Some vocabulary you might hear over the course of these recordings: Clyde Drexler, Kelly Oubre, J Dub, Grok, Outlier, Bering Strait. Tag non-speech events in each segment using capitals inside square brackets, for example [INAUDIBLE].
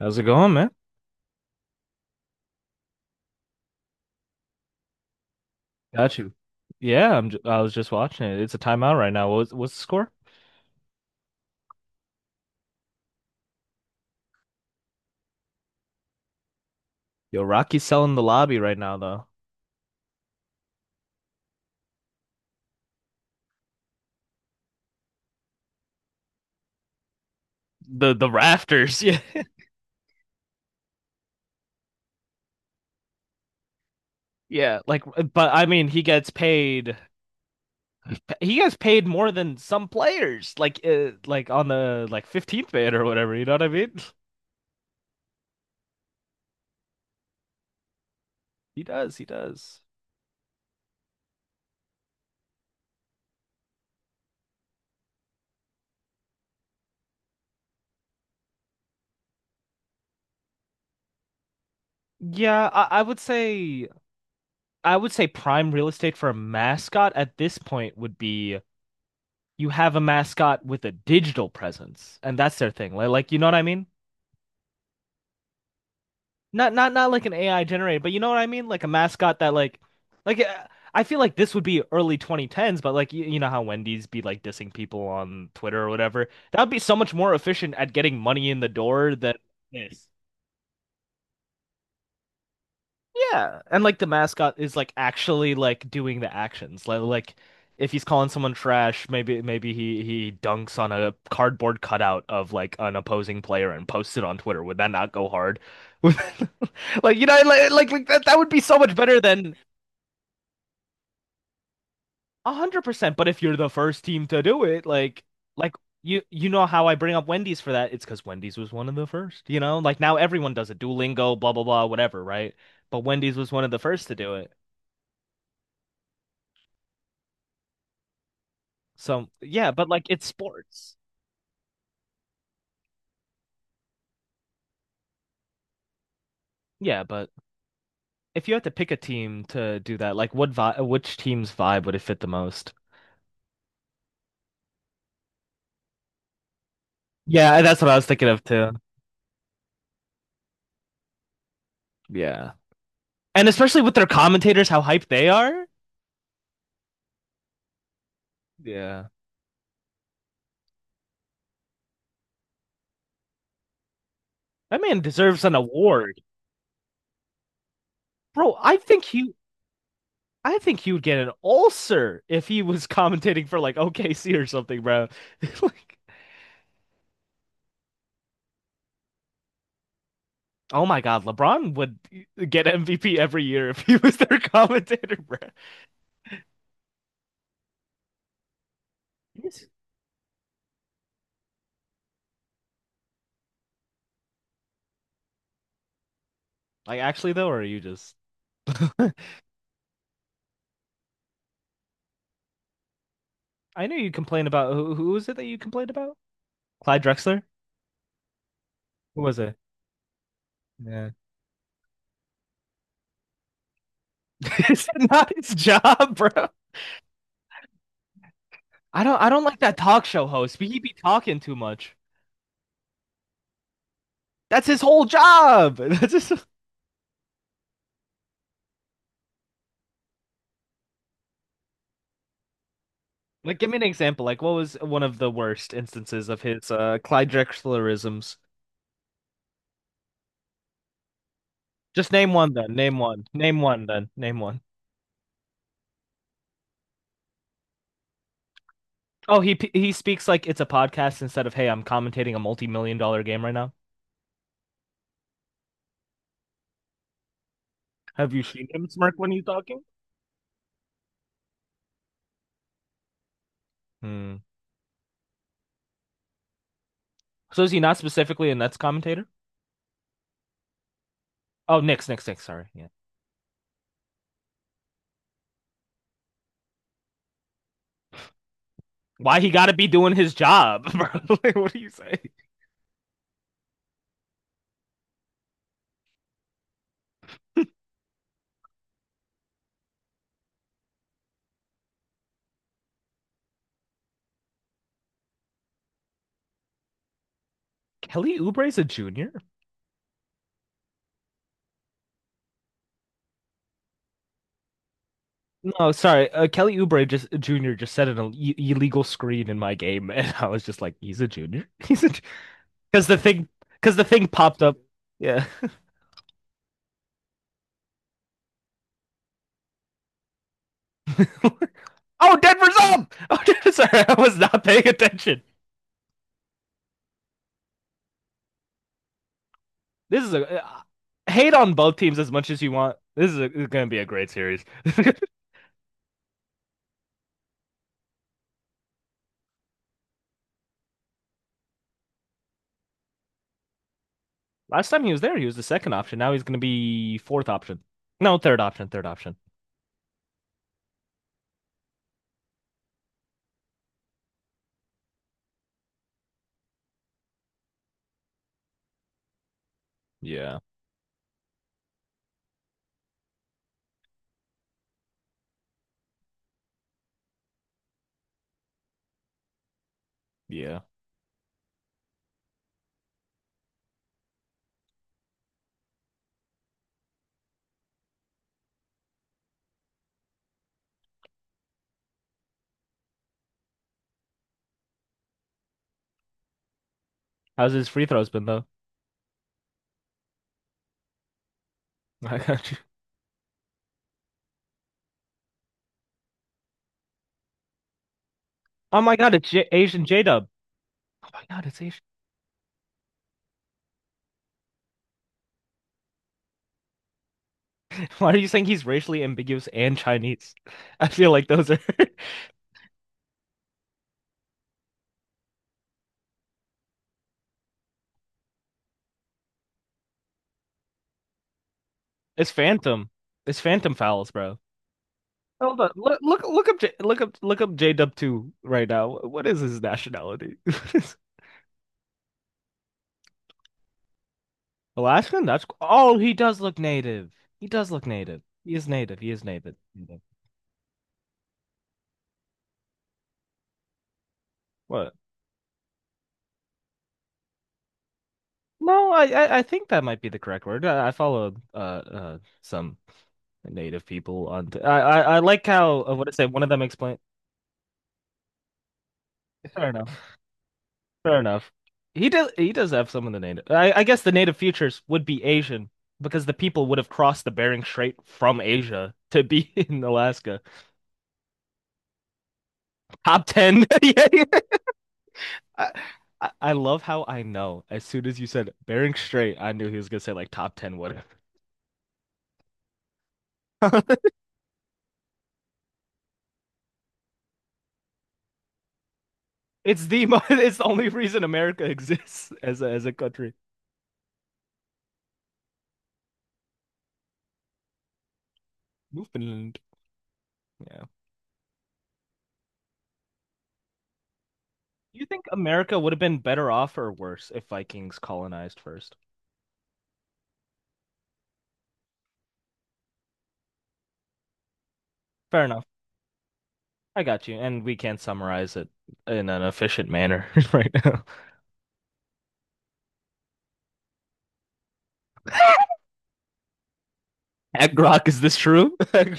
How's it going, man? Got you. Yeah, I was just watching it. It's a timeout right now. What's the score? Yo, Rocky's selling the lobby right now, though. The rafters. [LAUGHS] Yeah, yeah. But I mean, he gets paid. He gets paid more than some players. Like on the like 15th man or whatever. You know what I mean? [LAUGHS] He does. He does. Yeah, I, I would say I would say prime real estate for a mascot at this point would be you have a mascot with a digital presence, and that's their thing. Like you know what I mean? Not like an AI generated, but you know what I mean? Like a mascot that like uh, I feel like this would be early 2010s, but you know how Wendy's be like dissing people on Twitter or whatever. That would be so much more efficient at getting money in the door than this. Yeah, and like the mascot is like actually like doing the actions. Like if he's calling someone trash, maybe he dunks on a cardboard cutout of like an opposing player and posts it on Twitter. Would that not go hard? [LAUGHS] Like that would be so much better than 100%, but if you're the first team to do it. Like you know how I bring up Wendy's for that? It's because Wendy's was one of the first, you know? Like now everyone does it. Duolingo, blah blah blah, whatever, right? But Wendy's was one of the first to do it. So yeah, but like it's sports. Yeah, but if you had to pick a team to do that, like what vi which team's vibe would it fit the most? Yeah, that's what I was thinking of too. Yeah. And especially with their commentators, how hyped they are. Yeah. That man deserves an award. Bro, I think he would get an ulcer if he was [LAUGHS] commentating for like OKC or something, bro. [LAUGHS] Like, oh my God, LeBron would get MVP every year if he was their [LAUGHS] commentator, bro. Like actually though, or are you just? [LAUGHS] I know you complained about who was it that you complained about? Clyde Drexler? Who was it? Yeah. [LAUGHS] Is it not his job, bro? I don't like that talk show host. He be talking too much. That's his whole job. [LAUGHS] That's just like give me an example. Like what was one of the worst instances of his Clyde Drexlerisms? Just name one then. Name one. Name one then. Name one. Oh, he speaks like it's a podcast instead of hey, I'm commentating a multi-million-dollar game right now. Have you seen him smirk when he's talking? Hmm. So is he not specifically a Nets commentator? Oh, Knicks, Knicks. Sorry. Yeah. Why he got to be doing his job, bro? [LAUGHS] Like, what do you say? Kelly Oubre's a junior? No, sorry. Kelly Oubre just junior just set an illegal screen in my game, [LAUGHS] and I was just like, he's a junior. [LAUGHS] He's a because the thing because the thing popped up. Yeah. [LAUGHS] Oh, Denver's up. Oh, [LAUGHS] sorry, I was not paying attention. This is a hate on both teams as much as you want. This is gonna be a great series. [LAUGHS] Last time he was there, he was the second option. Now he's going to be fourth option. No, third option. Third option. Yeah. Yeah. How's his free throws been though? [LAUGHS] I got you. Oh my God, it's J Dub. Oh my God, it's Asian. [LAUGHS] Why are you saying he's racially ambiguous and Chinese? [LAUGHS] I feel like those are. [LAUGHS] It's phantom. It's phantom fouls, bro. Hold on. Look look look up J Dub 2 right now. What is his nationality? [LAUGHS] Alaskan? That's. Oh, he does look native. He does look native. He is native. He is native. Native. What? No, I think that might be the correct word. I follow some native people on. I like how what I say? One of them explained. Fair enough. Fair enough. He does have some of the native. I guess the native futures would be Asian because the people would have crossed the Bering Strait from Asia to be [LAUGHS] in Alaska. Top ten. [LAUGHS] Yeah, yeah. I, I love how I know as soon as you said Bering Strait, I knew he was gonna say like top ten whatever. [LAUGHS] It's the mo [LAUGHS] it's the only reason America [LAUGHS] exists as a country. Newfoundland. Yeah. Do you think America would have been better off or worse if Vikings colonized first? Fair enough. I got you. And we can not summarize it in an efficient manner [LAUGHS] right now. At Grok, is this true? [LAUGHS]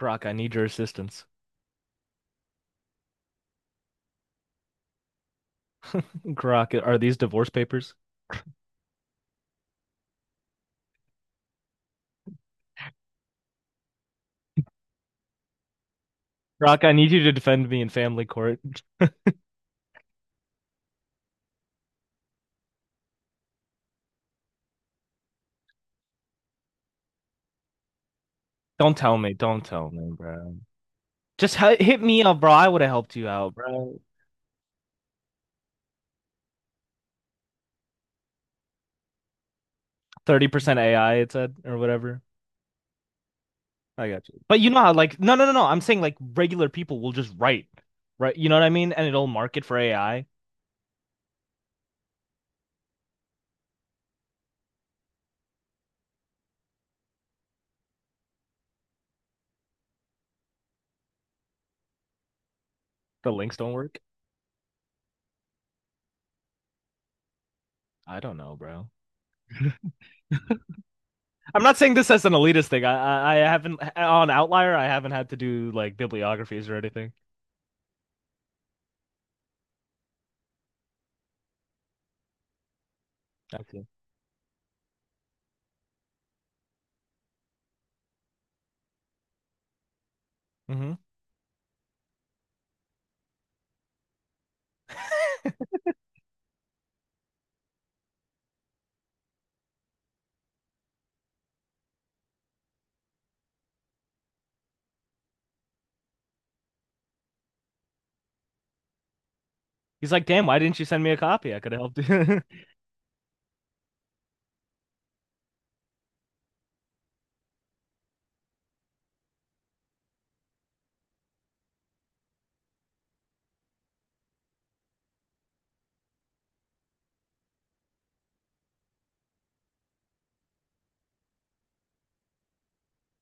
Grok, I need your assistance. Grok, are these divorce papers? Grok, I need you to defend me in family court. Don't tell me. Don't tell me, bro. Just hit me up, bro. I would have helped you out, bro. 30% AI, it said, or whatever. I got you. But you know how like no no no no, I'm saying like regular people will just write, right? You know what I mean? And it'll market for AI. The links don't work. I don't know, bro. [LAUGHS] I'm not saying this as an elitist thing. I haven't on Outlier. I haven't had to do like bibliographies or anything. Okay. Hmm. He's like, damn, why didn't you send me a copy? I could have helped you.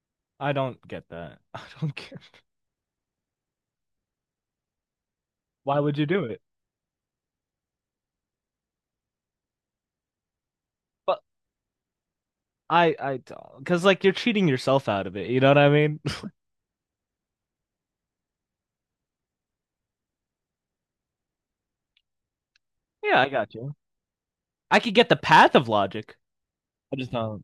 [LAUGHS] I don't get that. [LAUGHS] I don't care. Why would you do it? But I don't, because like you're cheating yourself out of it. You know what I mean? [LAUGHS] Yeah, I got you. I could get the path of logic. I just don't.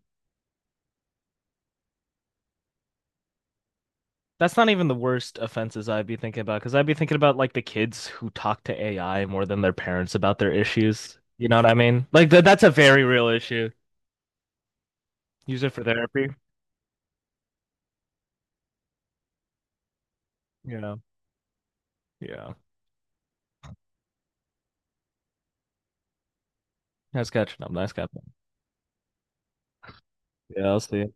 That's not even the worst offenses I'd be thinking about, because I'd be thinking about like the kids who talk to AI more than their parents about their issues. You know what I mean? Like th that's a very real issue. Use it for therapy. You know? Yeah. Nice catching up. Nice catching up. Yeah, I'll see you.